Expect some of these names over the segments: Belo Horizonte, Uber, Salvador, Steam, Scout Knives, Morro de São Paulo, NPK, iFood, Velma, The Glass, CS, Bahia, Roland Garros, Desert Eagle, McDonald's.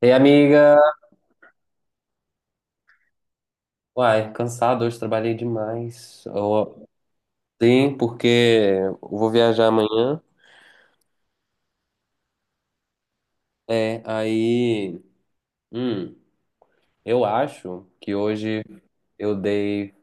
Ei, amiga! Uai, cansado, hoje trabalhei demais. Sim, porque eu vou viajar amanhã. É, aí. hum, eu acho que hoje eu dei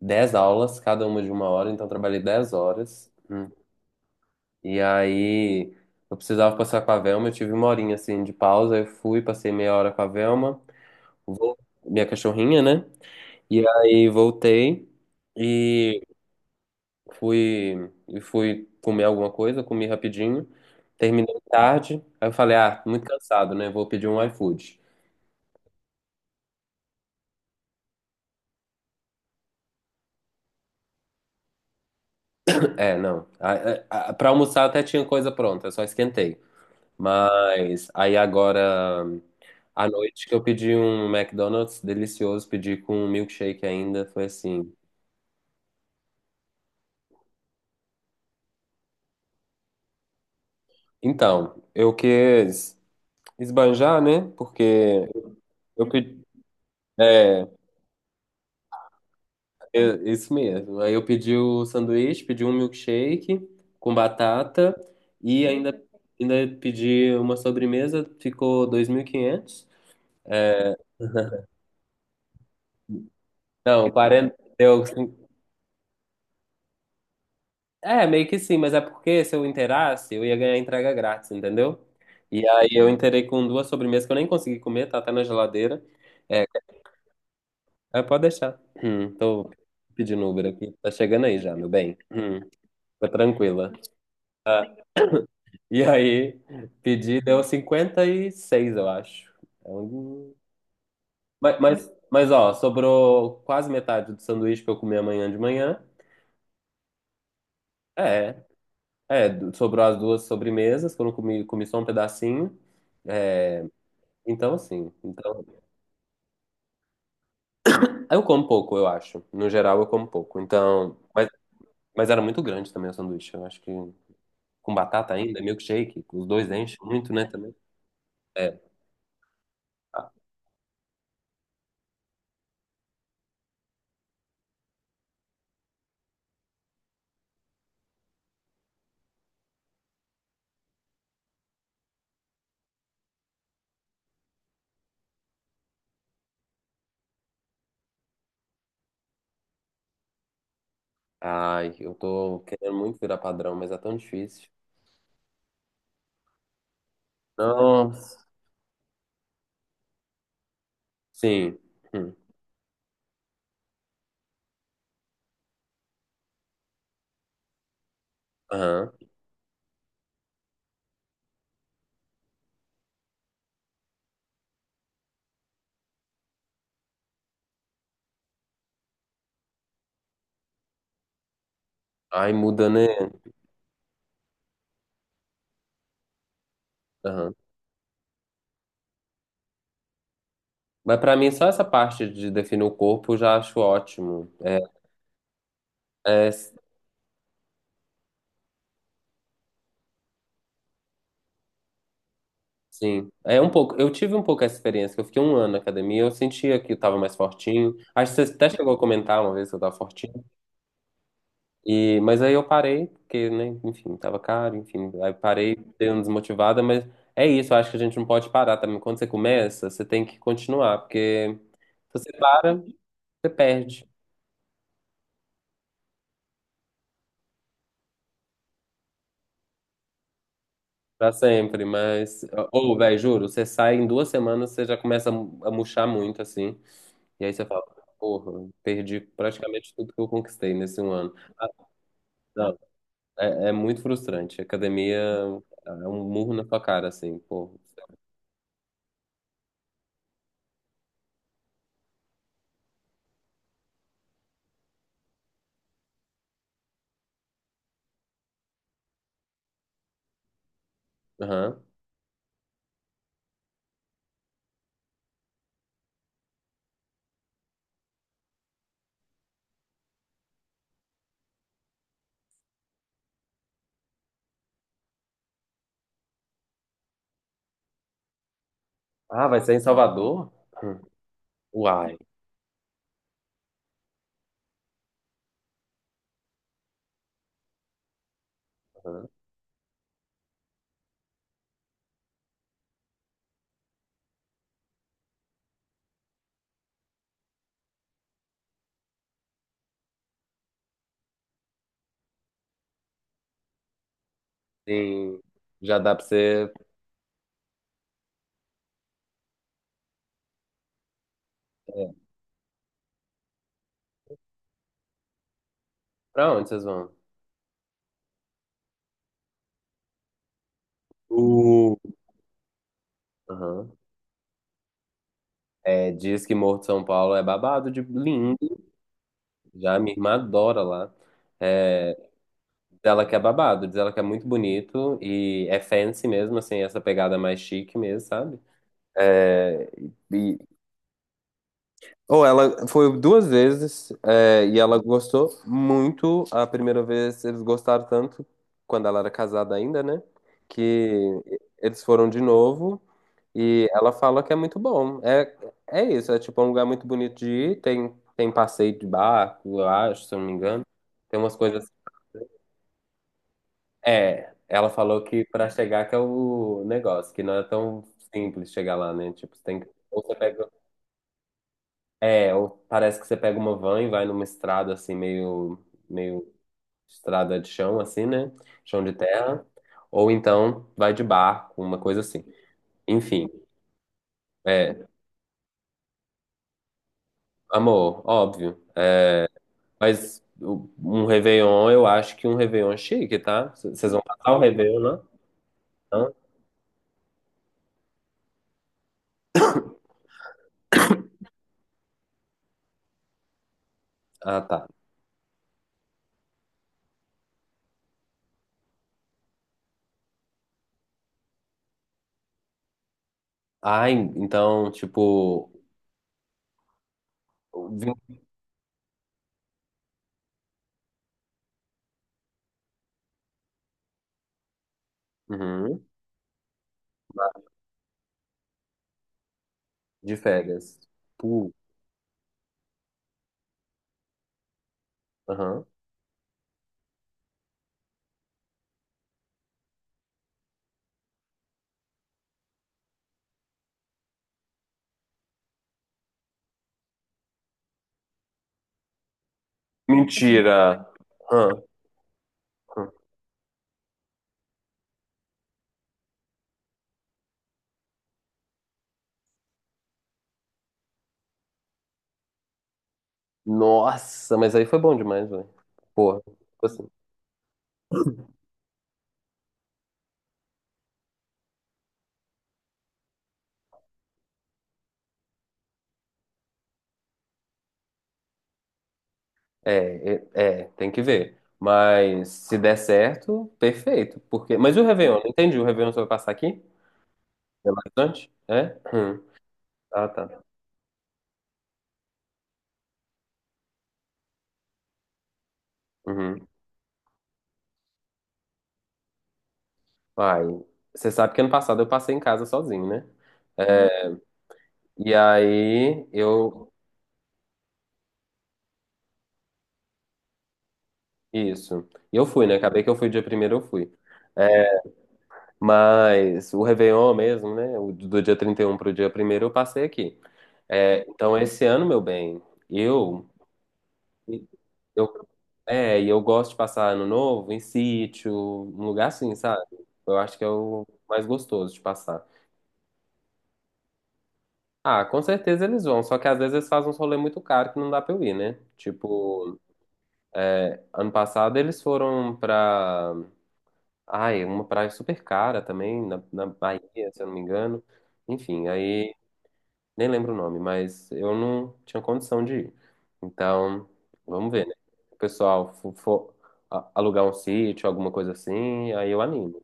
10 aulas, cada uma de 1 hora, então eu trabalhei 10 horas. E aí eu precisava passar com a Velma, eu tive uma horinha assim de pausa, eu fui, passei meia hora com a Velma, vol- minha cachorrinha, né? E aí voltei. Fui, e fui comer alguma coisa, comi rapidinho. Terminei tarde. Aí eu falei, ah, muito cansado, né? Vou pedir um iFood. É, não. Pra almoçar até tinha coisa pronta, eu só esquentei. Mas aí agora à noite que eu pedi um McDonald's delicioso, pedi com um milkshake ainda, foi assim. Então, eu quis esbanjar, né? Porque eu pedi, é, isso mesmo. Aí eu pedi o sanduíche, pedi um milkshake com batata e ainda pedi uma sobremesa, ficou 2.500. Não, 40, deu, é, meio que sim, mas é porque se eu inteirasse, eu ia ganhar entrega grátis, entendeu? E aí eu inteirei com duas sobremesas que eu nem consegui comer, tá até na geladeira. É, é, pode deixar. Tô pedindo Uber aqui, tá chegando aí já, meu bem. Fica tranquila. E aí, pedi, deu 56 eu acho. É um- mas, ó, sobrou quase metade do sanduíche que eu comi amanhã de manhã. É, é, sobrou as duas sobremesas, que eu não comi, comi só um pedacinho. É, então, assim, então. Eu como pouco, eu acho. No geral, eu como pouco. Então, mas era muito grande também o sanduíche. Eu acho que com batata ainda, milkshake, os dois enchem muito, né, também. É. Ai, eu tô querendo muito virar padrão, mas é tão difícil. Nossa, sim. Hum. Aham. Ai, muda, né? Aham. Mas pra mim, só essa parte de definir o corpo eu já acho ótimo. É, é, sim. É um pouco. Eu tive um pouco essa experiência, que eu fiquei um ano na academia, eu sentia que eu tava mais fortinho. Acho que você até chegou a comentar uma vez que eu tava fortinho. E, mas aí eu parei, porque, né, enfim, tava caro, enfim. Aí parei, dei uma desmotivada, mas é isso, eu acho que a gente não pode parar também. Quando você começa, você tem que continuar, porque se você para, você perde. Pra sempre, mas. Ou, velho, juro, você sai em 2 semanas, você já começa a murchar muito, assim. E aí você fala, porra, perdi praticamente tudo que eu conquistei nesse um ano. Ah, não, é muito frustrante. Academia é um murro na sua cara, assim, pô. Aham. Ah, vai ser em Salvador? Hum. Uai. Aham. Sim. Já dá pra você. É, pra onde vocês vão? Uh. Aham. É, diz que Morro de São Paulo é babado de lindo. Já minha irmã adora lá. É, ela que é babado, diz ela que é muito bonito e é fancy mesmo, assim, essa pegada mais chique mesmo, sabe? É, e, ou ela foi duas vezes é, e ela gostou muito. A primeira vez eles gostaram tanto, quando ela era casada ainda, né? Que eles foram de novo e ela fala que é muito bom. É, é isso, é tipo um lugar muito bonito de ir, tem passeio de barco, eu acho, se eu não me engano. Tem umas coisas. É, ela falou que pra chegar que é o negócio, que não é tão simples chegar lá, né? Tipo, você tem que. Ou você pega. É, ou parece que você pega uma van e vai numa estrada assim, meio estrada de chão, assim, né? Chão de terra. Ou então vai de barco, uma coisa assim. Enfim, é, amor, óbvio. Mas um Réveillon, eu acho que um Réveillon é chique, tá? Vocês vão passar o Réveillon, né? Hã? Ah, tá. Ah, então, tipo. vin- Uhum. De férias. Pô, aham. Mentira. Hã? Hã. Nossa, mas aí foi bom demais, velho. Porra, tipo assim, é, é, tem que ver. Mas se der certo, perfeito. Mas e o Réveillon? Não entendi. O Réveillon você vai passar aqui? Belo Horizonte? É? Hum. Ah, tá. Uhum. Ai, você sabe que ano passado eu passei em casa sozinho, né? É, e aí eu. Isso. E eu fui, né? Acabei que eu fui dia primeiro, eu fui. É, mas o Réveillon mesmo, né? O do dia 31 para o dia primeiro eu passei aqui. É, então, esse ano, meu bem, eu, eu, e eu gosto de passar ano novo em sítio, um lugar assim, sabe? Eu acho que é o mais gostoso de passar. Ah, com certeza eles vão, só que às vezes eles fazem uns rolê muito caro que não dá pra eu ir, né? Tipo, ano passado eles foram pra. Ai, uma praia super cara também, na Bahia, se eu não me engano. Enfim, aí. Nem lembro o nome, mas eu não tinha condição de ir. Então, vamos ver, né? O pessoal for, alugar um sítio, alguma coisa assim, aí eu animo.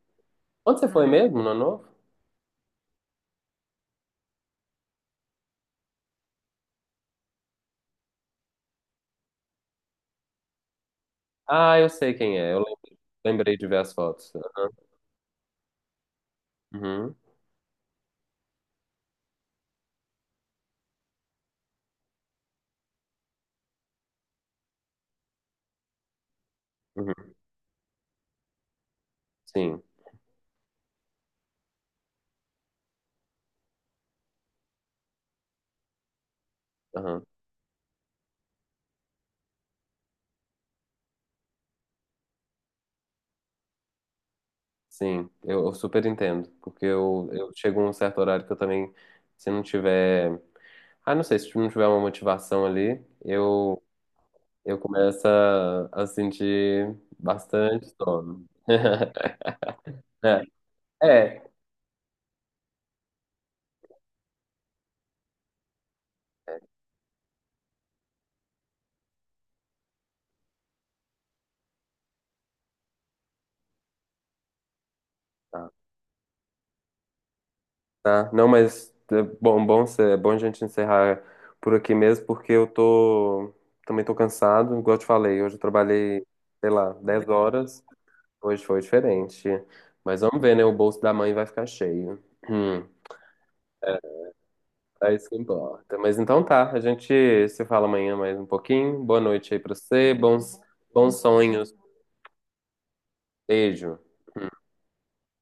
Onde você foi mesmo, no Ano Novo? Ah, eu sei quem é. Eu lembrei de ver as fotos. Uhum, uhum, sim, aham, sim. Eu super entendo, porque eu chego a um certo horário que eu também, se não tiver... Ah, não sei, se não tiver uma motivação ali, eu começo a sentir bastante sono. É, é. Tá, tá. Não, mas é bom a gente encerrar por aqui mesmo, porque também tô cansado, igual eu te falei, hoje eu trabalhei, sei lá, 10 horas, hoje foi diferente. Mas vamos ver, né? O bolso da mãe vai ficar cheio. Hum, é isso que importa. Mas então tá, a gente se fala amanhã mais um pouquinho. Boa noite aí pra você, bons sonhos. Beijo.